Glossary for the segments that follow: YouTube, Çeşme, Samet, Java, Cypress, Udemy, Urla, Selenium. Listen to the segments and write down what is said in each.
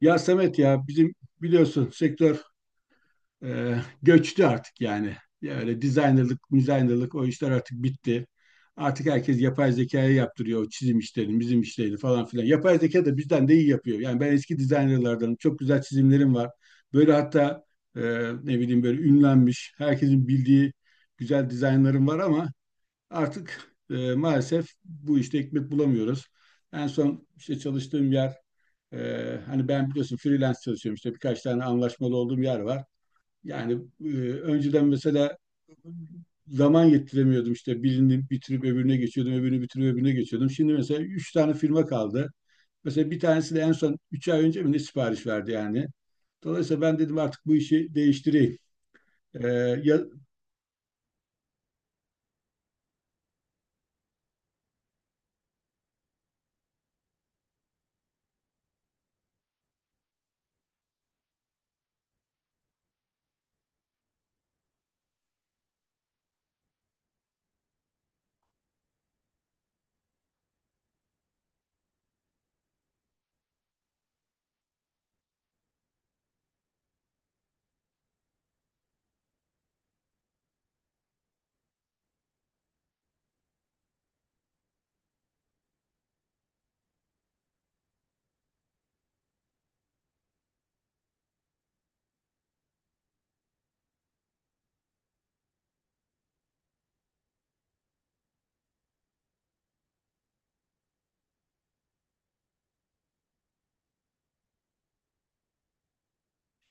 Ya Samet ya bizim biliyorsun sektör e, göçtü artık yani. Ya öyle designerlık o işler artık bitti. Artık herkes yapay zekaya yaptırıyor o çizim işlerini, bizim işlerini falan filan. Yapay zeka da bizden de iyi yapıyor. Yani ben eski designerlardanım. Çok güzel çizimlerim var. Böyle hatta e, ne bileyim böyle ünlenmiş, herkesin bildiği güzel dizaynlarım var ama artık maalesef bu işte ekmek bulamıyoruz. En son işte çalıştığım yer hani ben biliyorsun freelance çalışıyorum işte birkaç tane anlaşmalı olduğum yer var. Yani e, önceden mesela zaman yettiremiyordum işte birini bitirip öbürüne geçiyordum, öbürünü bitirip öbürüne geçiyordum. Şimdi mesela üç tane firma kaldı. Mesela bir tanesi de en son üç ay önce mi ne sipariş verdi yani. Dolayısıyla ben dedim artık bu işi değiştireyim. Ee, ya,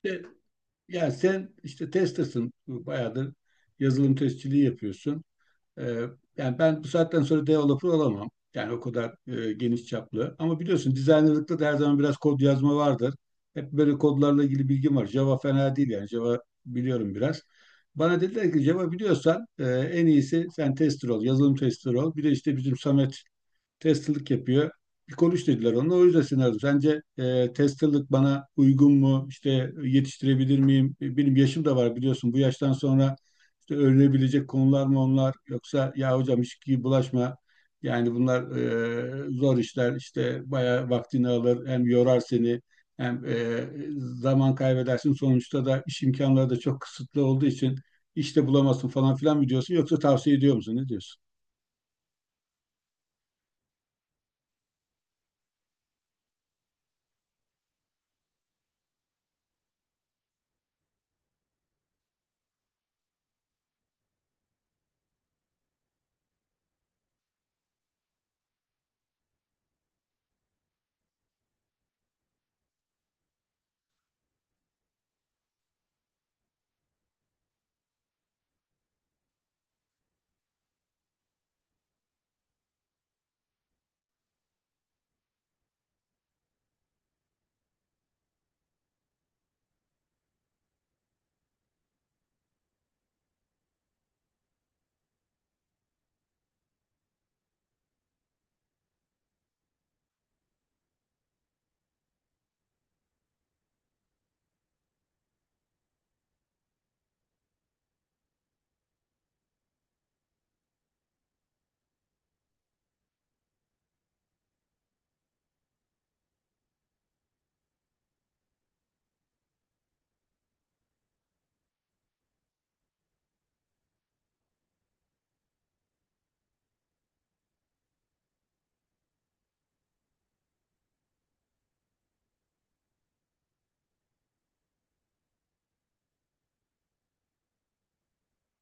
e, yani sen işte tester'sın bayağıdır yazılım testçiliği yapıyorsun. Ee, Yani ben bu saatten sonra developer olamam. Yani o kadar geniş çaplı. Ama biliyorsun dizaynerlıkta da her zaman biraz kod yazma vardır. Hep böyle kodlarla ilgili bilgim var. Java fena değil yani. Java biliyorum biraz. Bana dediler ki Java biliyorsan en iyisi sen tester ol, yazılım tester ol. Bir de işte bizim Samet testalık yapıyor. Bir konuş dediler onunla. O yüzden seni aradım. Sence testalık bana uygun mu? İşte yetiştirebilir miyim? Benim yaşım da var biliyorsun. Bu yaştan sonra işte öğrenebilecek konular mı onlar? Yoksa ya hocam hiç ki bulaşma. Yani bunlar zor işler. İşte bayağı vaktini alır. Hem yorar seni hem zaman kaybedersin. Sonuçta da iş imkanları da çok kısıtlı olduğu için işte bulamazsın falan filan mı diyorsun? Yoksa tavsiye ediyor musun? Ne diyorsun?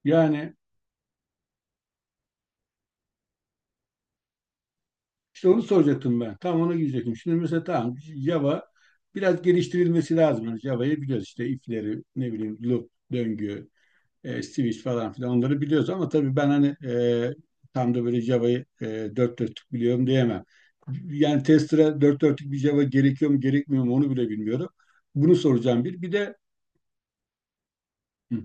Yani İşte onu soracaktım ben. Tam ona girecektim. Şimdi mesela tamam Java biraz geliştirilmesi lazım. Yani Java'yı biliyoruz işte if'leri, ne bileyim loop, döngü, switch falan filan onları biliyoruz ama tabii ben hani tam da böyle Java'yı dört dörtlük biliyorum diyemem. Yani tester'a dört dörtlük bir Java gerekiyor mu gerekmiyor mu onu bile bilmiyorum. Bunu soracağım bir. Bir de. Hı.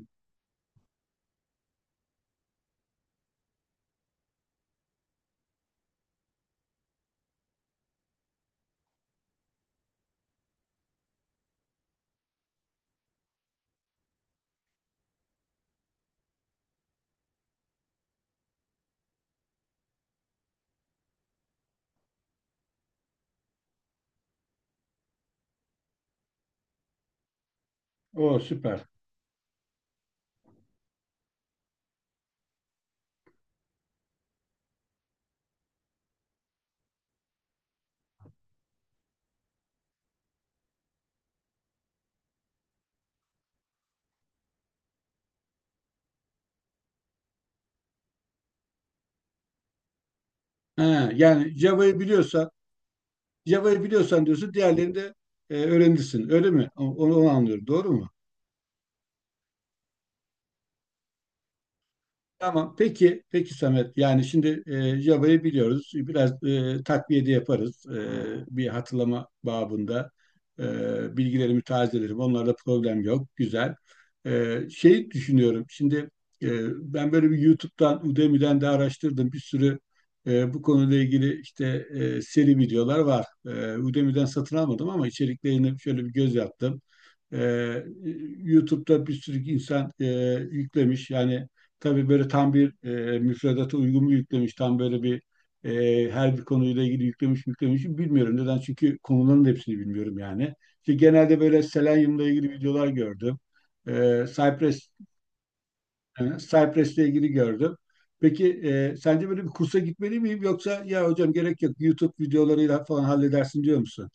O süper. Ha, yani Java'yı biliyorsan diyorsun diğerlerini de öğrenirsin. Öyle mi? Onu anlıyorum. Doğru mu? Tamam. Peki, peki Samet. Yani şimdi Java'yı biliyoruz. Biraz takviye de yaparız. Bir hatırlama babında bilgilerimi tazelerim. Onlarda problem yok. Güzel. Şey düşünüyorum. Şimdi e, ben böyle bir YouTube'dan, Udemy'den de araştırdım. Bir sürü bu konuyla ilgili işte seri videolar var. E, Udemy'den satın almadım ama içeriklerini şöyle bir göz yaptım. Ee, YouTube'da bir sürü insan yüklemiş. Yani tabii böyle tam bir müfredata uygun mu yüklemiş, tam böyle bir her bir konuyla ilgili yüklemiş mi yüklemiş mi bilmiyorum. Neden? Çünkü konuların hepsini bilmiyorum yani. İşte genelde böyle Selenium'la ilgili videolar gördüm. Ee, Cypress, Cypress'le ilgili gördüm. Peki sence böyle bir kursa gitmeli miyim yoksa ya hocam gerek yok YouTube videolarıyla falan halledersin diyor musun?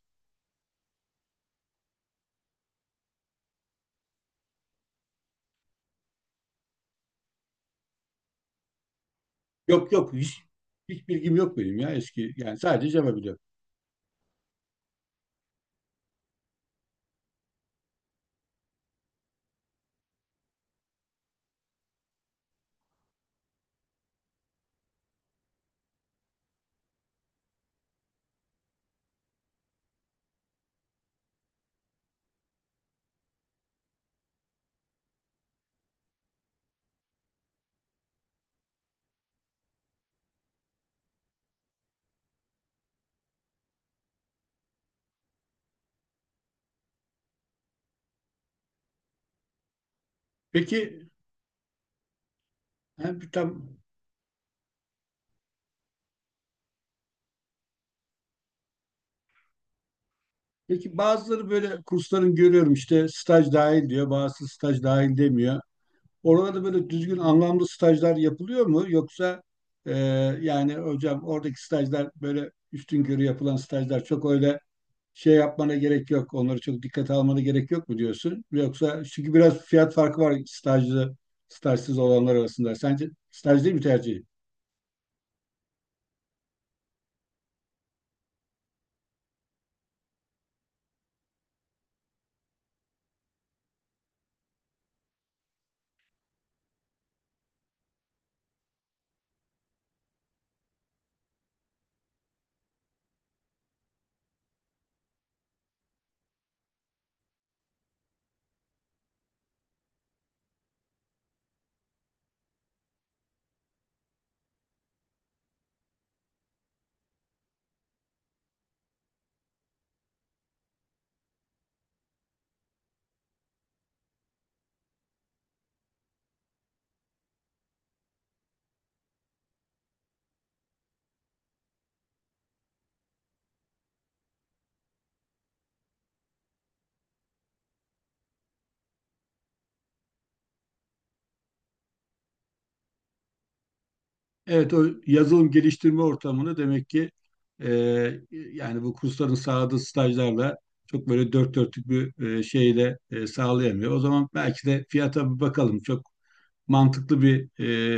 Yok yok hiç bilgim yok benim ya eski yani sadece Java biliyorum. Peki yani tam Peki bazıları böyle kursların görüyorum işte staj dahil diyor, bazısı staj dahil demiyor. Oralarda böyle düzgün anlamlı stajlar yapılıyor mu yoksa e, yani hocam oradaki stajlar böyle üstün körü yapılan stajlar çok öyle şey yapmana gerek yok. Onları çok dikkate almana gerek yok mu diyorsun? Yoksa çünkü biraz fiyat farkı var stajlı stajsız olanlar arasında. Sence staj değil mi tercih? Evet, o yazılım geliştirme ortamını demek ki e, yani bu kursların sağladığı stajlarla çok böyle dört dörtlük bir şeyle sağlayamıyor. O zaman belki de fiyata bir bakalım. Çok mantıklı bir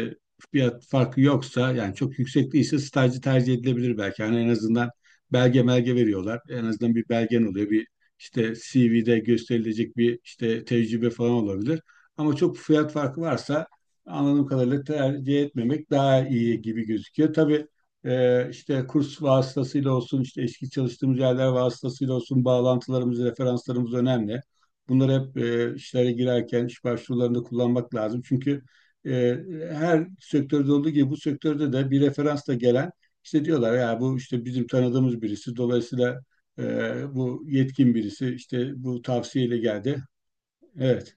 e, fiyat farkı yoksa yani çok yüksek değilse stajcı tercih edilebilir belki. Yani en azından belge melge veriyorlar. En azından bir belgen oluyor. Bir işte CV'de gösterilecek bir işte tecrübe falan olabilir. Ama çok fiyat farkı varsa anladığım kadarıyla tercih etmemek daha iyi gibi gözüküyor. Tabii işte kurs vasıtasıyla olsun, işte eski çalıştığımız yerler vasıtasıyla olsun bağlantılarımız, referanslarımız önemli. Bunları hep işlere girerken, iş başvurularında kullanmak lazım. Çünkü e, her sektörde olduğu gibi bu sektörde de bir referansla gelen işte diyorlar ya bu işte bizim tanıdığımız birisi dolayısıyla e, bu yetkin birisi işte bu tavsiyeyle geldi. Evet,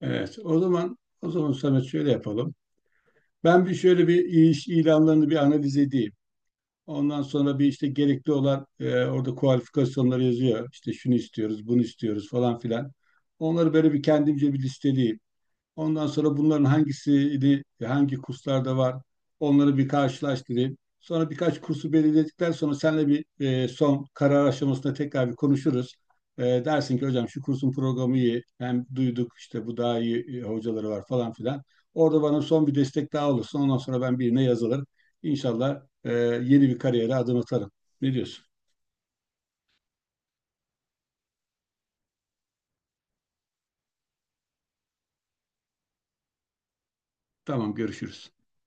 evet. O zaman Samet şöyle yapalım. Ben bir şöyle bir iş ilanlarını bir analiz edeyim. Ondan sonra bir işte gerekli olan orada kualifikasyonları yazıyor. İşte şunu istiyoruz, bunu istiyoruz falan filan. Onları böyle bir kendimce bir listeleyeyim. Ondan sonra bunların hangisini, hangi kurslarda var, onları bir karşılaştırayım. Sonra birkaç kursu belirledikten sonra seninle bir son karar aşamasında tekrar bir konuşuruz. E, dersin ki hocam şu kursun programı iyi, hem duyduk işte bu daha iyi hocaları var falan filan. Orada bana son bir destek daha olursun. Ondan sonra ben birine yazılır. İnşallah yeni bir kariyere adım atarım. Ne diyorsun? Tamam görüşürüz.